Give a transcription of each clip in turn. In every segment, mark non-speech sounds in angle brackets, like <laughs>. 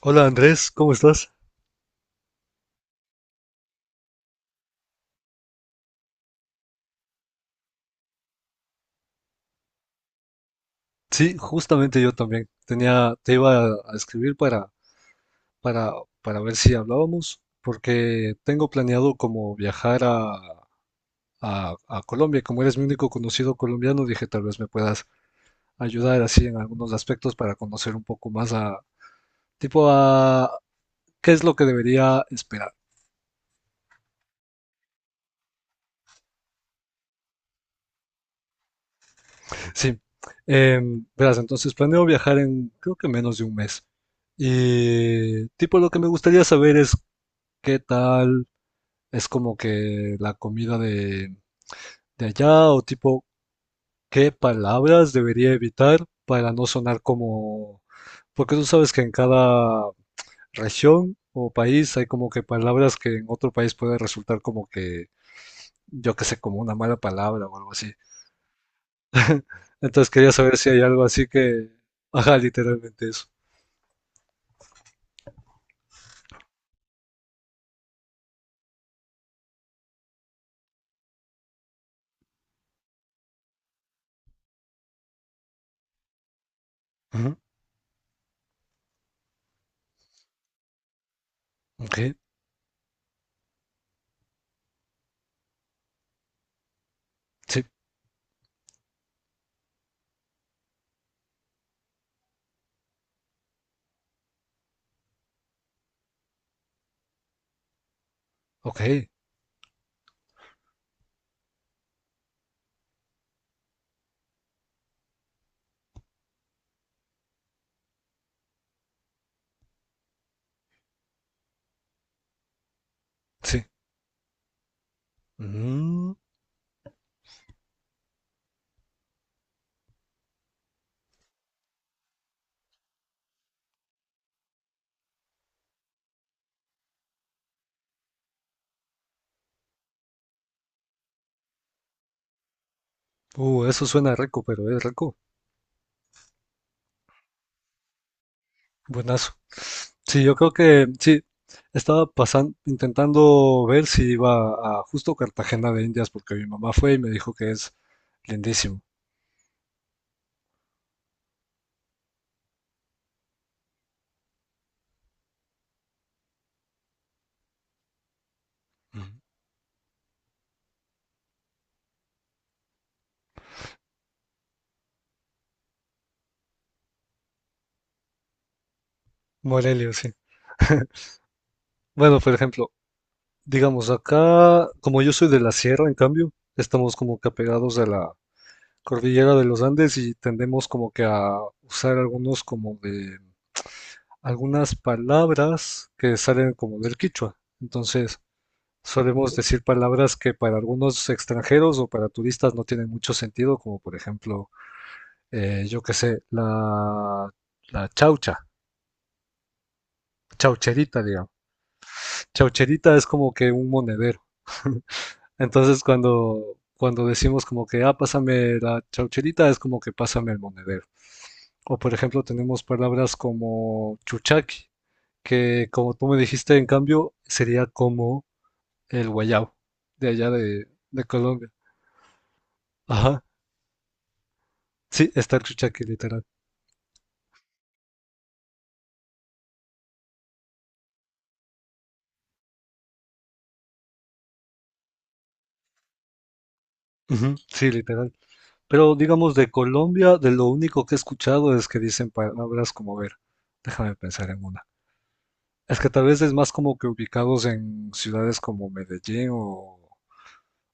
Hola Andrés, ¿cómo estás? Sí, justamente yo también. Tenía, te iba a escribir para, para, para ver si hablábamos, porque tengo planeado como viajar a Colombia. Como eres mi único conocido colombiano, dije tal vez me puedas ayudar así en algunos aspectos para conocer un poco más a, tipo a, qué es lo que debería esperar. Sí, verás, entonces planeo viajar en, creo que menos de un mes. Y tipo lo que me gustaría saber es qué tal. Es como que la comida de allá o tipo, ¿qué palabras debería evitar para no sonar como... Porque tú sabes que en cada región o país hay como que palabras que en otro país puede resultar como que, yo qué sé, como una mala palabra o algo así? Entonces quería saber si hay algo así que... Ajá, literalmente eso. Ujú. Ok, sí. Ok, sí. Mm. Eso suena rico, pero es rico. Buenazo. Sí, yo creo que sí, estaba pasando, intentando ver si iba a justo Cartagena de Indias, porque mi mamá fue y me dijo que es lindísimo. Ujú. Morelia, sí. <laughs> Bueno, por ejemplo, digamos acá, como yo soy de la sierra, en cambio, estamos como que apegados a la cordillera de los Andes y tendemos como que a usar algunos como de algunas palabras que salen como del quichua. Entonces, solemos decir palabras que para algunos extranjeros o para turistas no tienen mucho sentido, como por ejemplo, yo qué sé, la chaucha, chaucherita, digamos. Chaucherita es como que un monedero. <laughs> Entonces cuando decimos como que, ah, pásame la chaucherita, es como que pásame el monedero. O por ejemplo, tenemos palabras como chuchaqui, que como tú me dijiste, en cambio, sería como el guayabo de allá de Colombia. Ajá. Sí, está el chuchaque, literal. Ujú. Sí, literal. Pero digamos, de Colombia, de lo único que he escuchado es que dicen palabras como, a ver, déjame pensar en una. Es que tal vez es más como que ubicados en ciudades como Medellín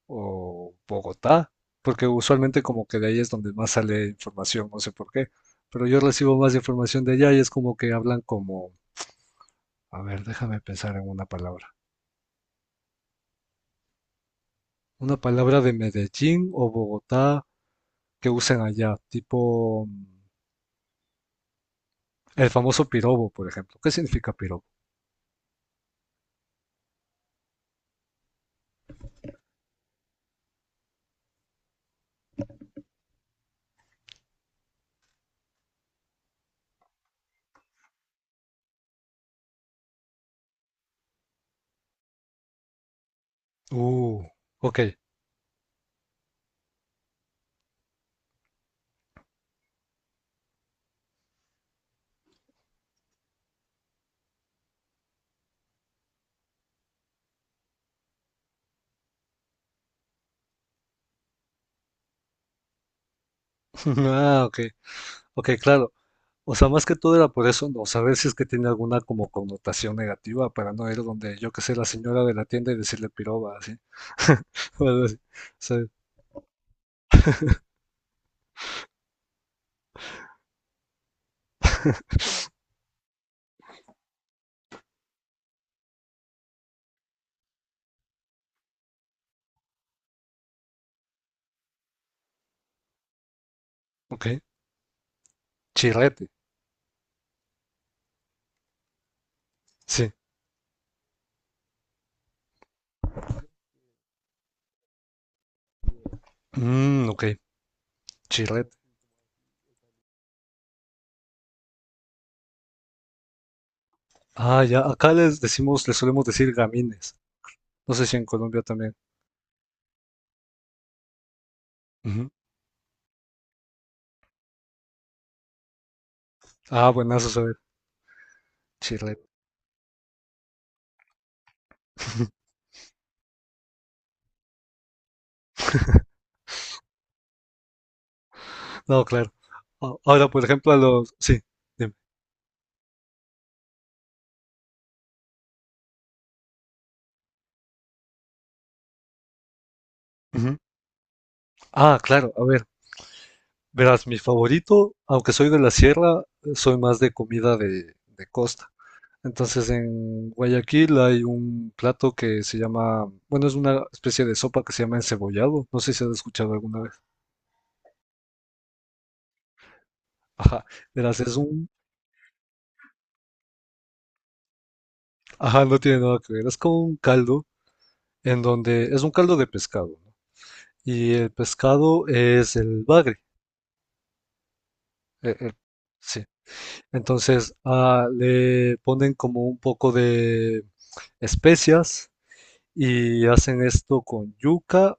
o Bogotá, porque usualmente como que de ahí es donde más sale información, no sé por qué. Pero yo recibo más información de allá y es como que hablan como, a ver, déjame pensar en una palabra. Una palabra de Medellín o Bogotá que usen allá, tipo... El famoso pirobo, por ejemplo. ¿Qué significa pirobo? Uh, ok. <laughs> Ah, ok. Ok, claro. O sea, más que todo era por eso, no saber si es que tiene alguna como connotación negativa para no ir donde, yo que sé, la señora de la tienda y decirle piroba, así. <laughs> O algo así. ¿Sabes? Ok. Chirrete. Sí. Mm, ok. Chirrete. Ah, ya. Acá les decimos, les solemos decir gamines. No sé si en Colombia también. Ujú. Ah, buenazo saber. Chirrete. <laughs> No, claro. A- ahora, por ejemplo, a los... Sí. Dime. Ah, claro, a ver, verás, mi favorito, aunque soy de la sierra, soy más de comida de costa. Entonces en Guayaquil hay un plato que se llama, bueno, es una especie de sopa que se llama encebollado, no sé si has escuchado alguna vez. Ajá, verás, es un, ajá, no tiene nada que ver, es como un caldo en donde, es un caldo de pescado, ¿no? Y el pescado es el bagre, eh, eh, sí. Entonces ah, le ponen como un poco de especias y hacen esto con yuca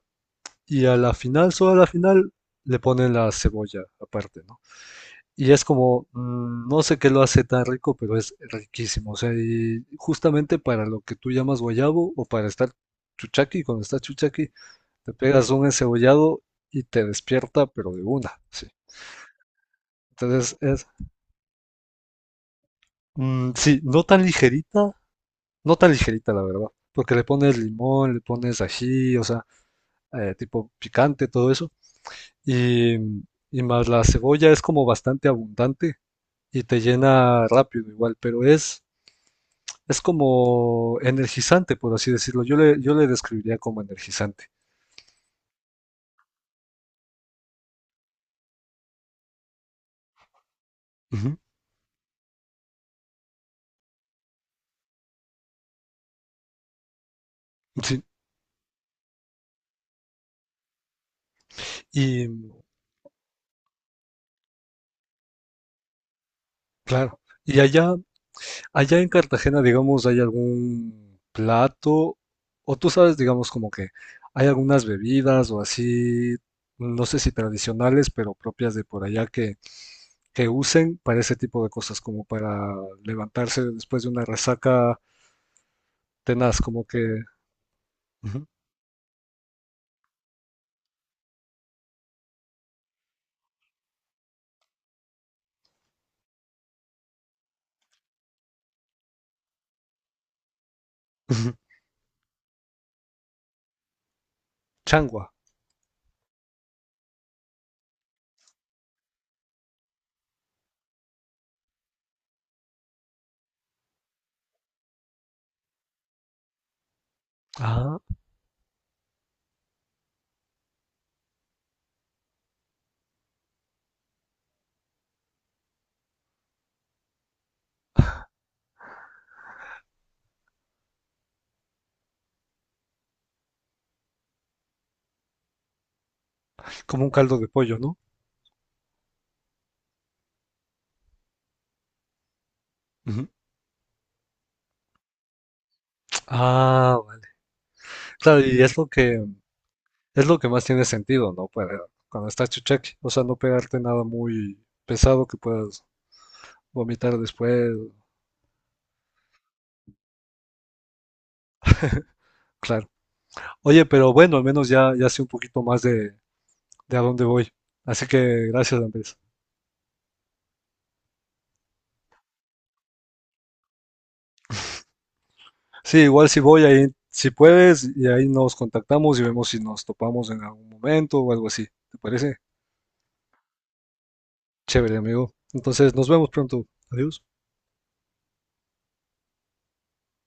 y a la final, solo a la final, le ponen la cebolla aparte, ¿no? Y es como, mm, no sé qué lo hace tan rico, pero es riquísimo. O sea, y justamente para lo que tú llamas guayabo o para estar chuchaqui, cuando estás chuchaqui, te pegas un encebollado y te despierta, pero de una, sí. Entonces es, mm, sí, no tan ligerita, la verdad, porque le pones limón, le pones ají, o sea, tipo picante, todo eso y, y más la cebolla es como bastante abundante y te llena rápido igual, pero es como energizante, por así decirlo. Yo le describiría como energizante. Ujú. Sí. Y claro, y allá, allá en Cartagena, digamos, hay algún plato, o tú sabes, digamos, como que hay algunas bebidas o así, no sé si tradicionales, pero propias de por allá que usen para ese tipo de cosas, como para levantarse después de una resaca tenaz, como que ujú, ujú, changua, ah, como un caldo de pollo, ¿no? Ujú. Ah, vale. Claro, es lo que más tiene sentido, ¿no? Para cuando estás chucheque o sea, no pegarte nada muy pesado que puedas vomitar después, claro. Oye, pero bueno, al menos ya sé un poquito más de a dónde voy. Así que gracias, Andrés. Sí, igual si voy ahí, si puedes, y ahí nos contactamos y vemos si nos topamos en algún momento o algo así. ¿Te parece? Chévere, amigo. Entonces, nos vemos pronto. Adiós.